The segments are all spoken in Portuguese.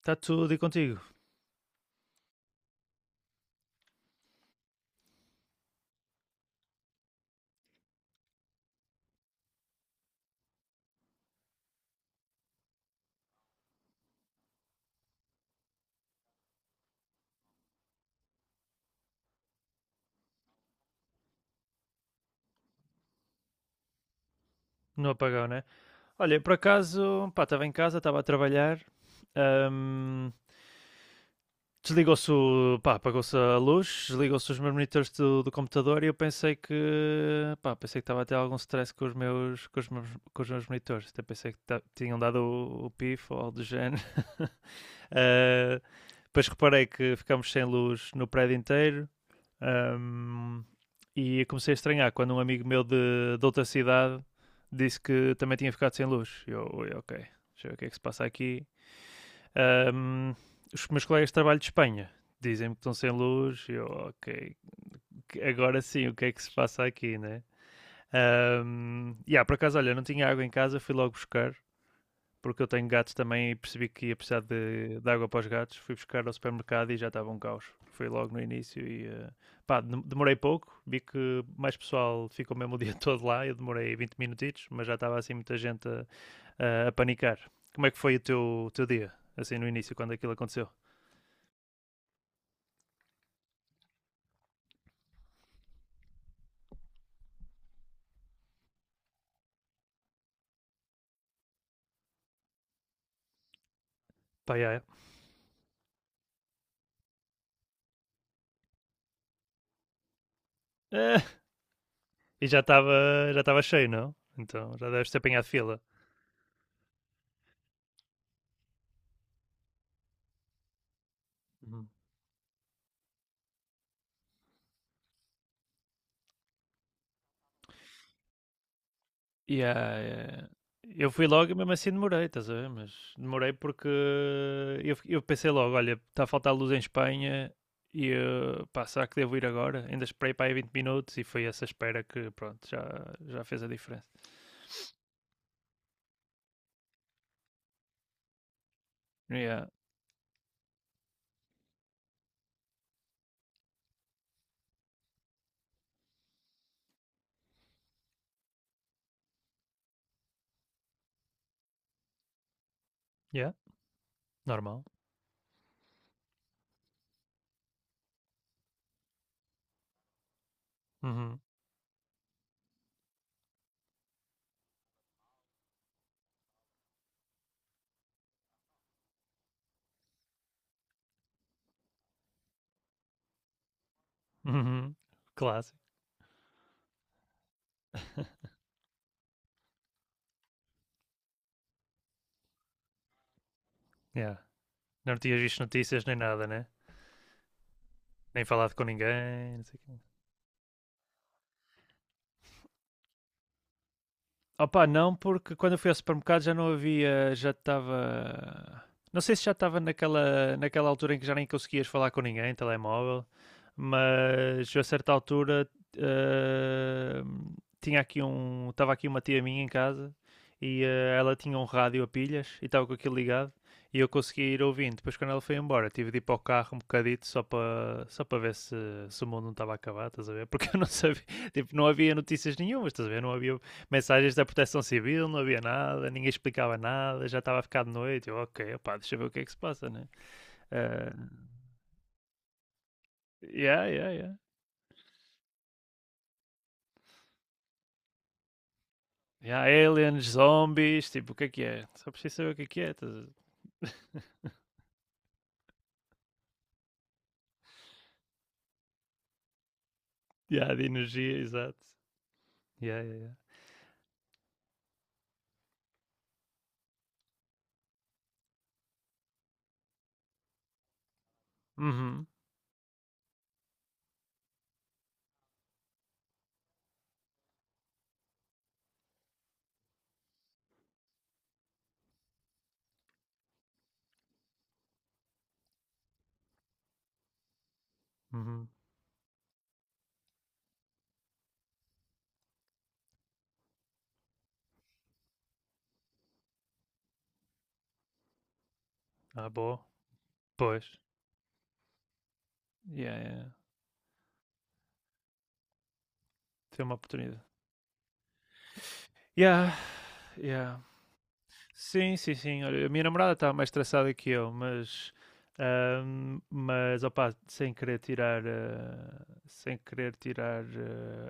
Está tudo e contigo, no apagão, né? Olha, por acaso, pá, estava em casa, estava a trabalhar, ahm, desligou-se, pá, apagou-se a luz, desligou-se os meus monitores do computador e eu pensei que estava a ter algum stress com os meus monitores, até pensei que tinham dado o pif ou algo do género. Ah, depois reparei que ficámos sem luz no prédio inteiro. Um, e comecei a estranhar quando um amigo meu de outra cidade disse que também tinha ficado sem luz. Eu, ok, deixa eu ver o que é que se passa aqui. Um, os meus colegas de trabalho de Espanha dizem-me que estão sem luz. Eu, ok, agora sim, o que é que se passa aqui, né? E yeah, por acaso, olha, não tinha água em casa, fui logo buscar porque eu tenho gatos também e percebi que ia precisar de água para os gatos. Fui buscar ao supermercado e já estava um caos. Foi logo no início e pá, demorei pouco. Vi que mais pessoal ficou mesmo o dia todo lá. Eu demorei 20 minutitos, mas já estava assim muita gente a panicar. Como é que foi o teu dia, assim no início, quando aquilo aconteceu? Pá, já é. Eh, e já estava cheio, não? Então já deves ter apanhado fila. Yeah, yeah. Eu fui logo e mesmo assim demorei, estás a ver? Mas demorei porque eu pensei logo, olha, está a faltar luz em Espanha e eu, pá, será que devo ir agora? Ainda esperei para aí 20 minutos e foi essa espera que, pronto, já fez a diferença. Yeah, yeah, normal. Uhum. Uhum. Clássico. Yeah. Não tinhas visto notícias nem nada, né? Nem falado com ninguém, não sei o quê. Opa, não, porque quando eu fui ao supermercado já não havia, já estava. Não sei se já estava naquela altura em que já nem conseguias falar com ninguém, telemóvel, mas a certa altura eh, estava aqui uma tia minha em casa e ela tinha um rádio a pilhas e estava com aquilo ligado e eu consegui ir ouvindo. Depois quando ela foi embora, tive de ir para o carro um bocadito só para ver se o mundo não estava a acabar, estás a ver? Porque eu não sabia, tipo, não havia notícias nenhumas, estás a ver? Não havia mensagens da Proteção Civil, não havia nada, ninguém explicava nada, já estava a ficar de noite. Eu, ok, opá, deixa eu ver o que é que se passa, né? Uh, yeah, yeah, yeah. Yeah, aliens, zombies, tipo, o que é que é? Só preciso saber o que é que é. Tá? Yeah, de energia, exato. Yeah, yeah, yeah. Uhum, uhum. Ah, boa. Pois. Yeah, yeah, yeah. Foi uma oportunidade. Yeah, yeah. Sim, sim, sim. Olha, a minha namorada está mais traçada que eu, mas opa, sem querer tirar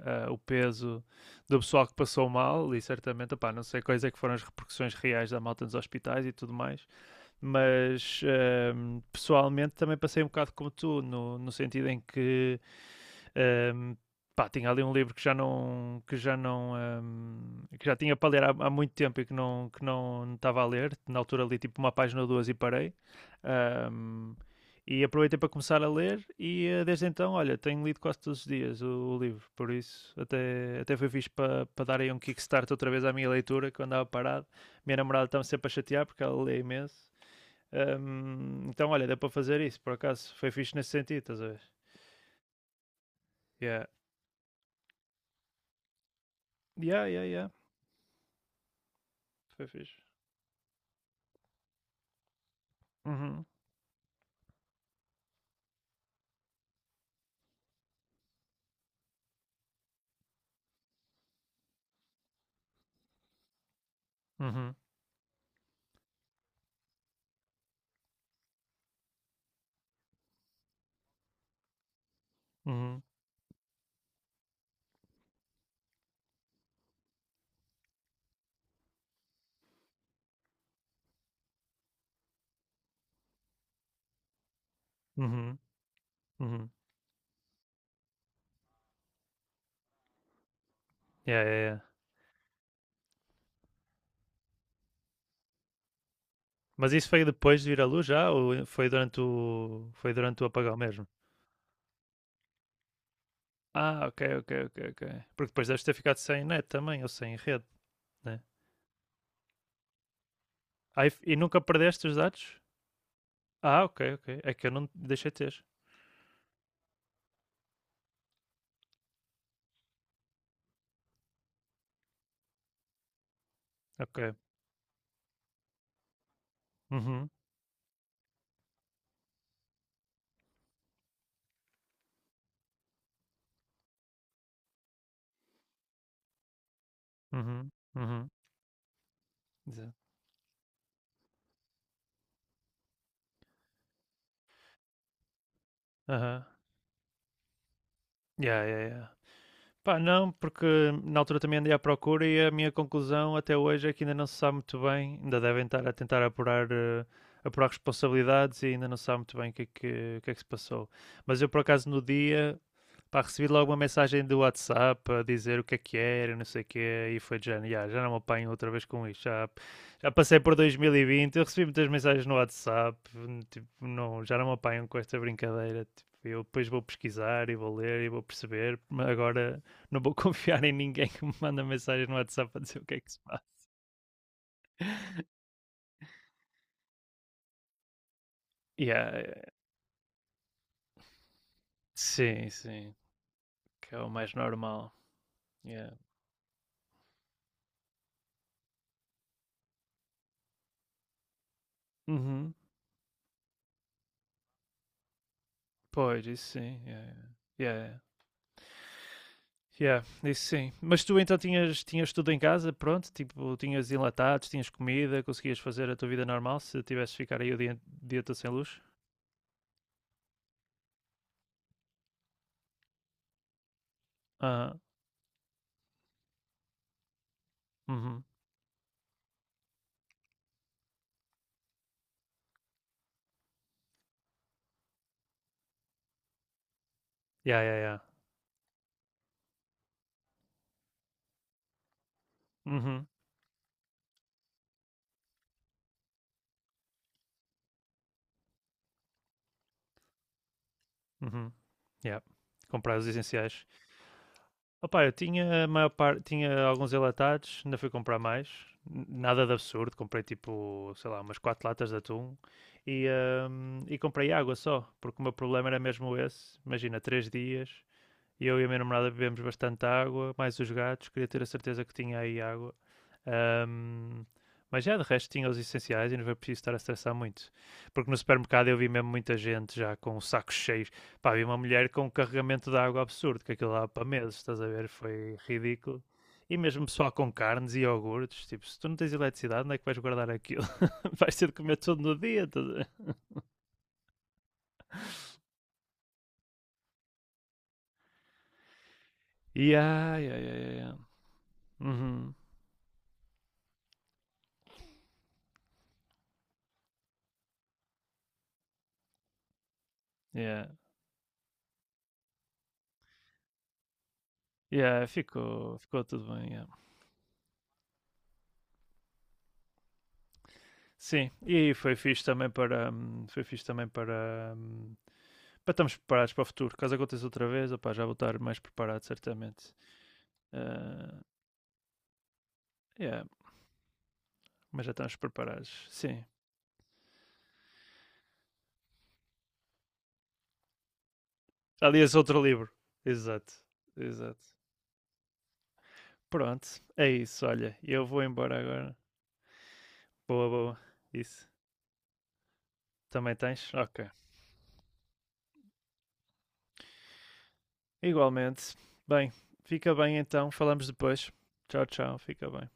o peso do pessoal que passou mal, e certamente, opa, não sei quais é que foram as repercussões reais da malta nos hospitais e tudo mais, mas pessoalmente também passei um bocado como tu, no sentido em que um, pá, tinha ali um livro que já não um, que já tinha para ler muito tempo e que não estava a ler. Na altura li tipo uma página ou duas e parei. Um, e aproveitei para começar a ler e desde então, olha, tenho lido quase todos os dias o livro, por isso até foi fixe para dar aí um kickstart outra vez à minha leitura, que eu andava parado. Minha namorada estava sempre a chatear porque ela lê imenso. Então, olha, deu para fazer isso, por acaso, foi fixe nesse sentido, estás a ver? Yeah. Yeah, yeah, yeah. Foi fixe. Uhum, uhum, uhum, uhum, uhum. Yeah, yeah, yeah. Mas isso foi depois de vir à luz já ou foi durante o apagão mesmo? Ah, ok, ok, ok, ok. Porque depois deves ter ficado sem net também ou sem rede, né? Ah, e nunca perdeste os dados? Ah, ok, ok. É que eu não deixei ter. Ok. Uhum, uhum, uhum. Exato. Aham. Yeah, yeah, yeah. Pá, não, porque na altura também andei à procura e a minha conclusão até hoje é que ainda não se sabe muito bem, ainda devem estar a tentar apurar, apurar responsabilidades e ainda não se sabe muito bem o que é que se passou. Mas eu, por acaso, no dia, pá, recebi logo uma mensagem do WhatsApp a dizer o que é que era, não sei o quê, e foi de género: "Ya, já não me apanho outra vez com isto, já passei por 2020." Eu recebi muitas mensagens no WhatsApp, tipo, não, já não me apanham com esta brincadeira, tipo, eu depois vou pesquisar e vou ler e vou perceber, mas agora não vou confiar em ninguém que me manda mensagem no WhatsApp a dizer o que é que se passa. Yeah, yeah. Sim, sim, que é o mais normal, yeah. Uhum. Pois, isso sim, yeah, yeah. Yeah, yeah. Yeah, isso sim. Mas tu então tinhas tudo em casa, pronto? Tipo, tinhas enlatados, tinhas comida, conseguias fazer a tua vida normal se tivesse de ficar aí o dia todo sem luz? Ah, uhum. Yeah, yeah, yeah. Uhum, uhum. Yeah. Comprar os essenciais. Opa, eu tinha a maior parte, tinha alguns enlatados, ainda fui comprar mais. N- Nada de absurdo, comprei tipo, sei lá, umas quatro latas de atum e comprei água só, porque o meu problema era mesmo esse. Imagina, 3 dias. Eu e a minha namorada bebemos bastante água, mais os gatos, queria ter a certeza que tinha aí água. Ahm, mas já, de resto tinha os essenciais e não foi preciso estar a estressar muito. Porque no supermercado eu vi mesmo muita gente já com sacos cheios. Pá, vi uma mulher com um carregamento de água absurdo, que aquilo lá para meses, estás a ver? Foi ridículo. E mesmo pessoal com carnes e iogurtes, tipo, se tu não tens eletricidade, onde é que vais guardar aquilo? Vais ter de comer todo no dia. Tudo. Yeah, yeah, yeah, yeah, yeah. Uhum. Yeah. Yeah, ficou tudo bem, yeah. Sim, e foi fixe também para foi fixe também para, para estarmos preparados para o futuro. Caso aconteça outra vez, opá, já vou estar mais preparado certamente. Ah, yeah, mas já estamos preparados. Sim. Aliás, outro livro. Exato. Exato. Pronto, é isso, olha. Eu vou embora agora. Boa, boa. Isso. Também tens? Ok. Igualmente. Bem, fica bem então. Falamos depois. Tchau, tchau. Fica bem.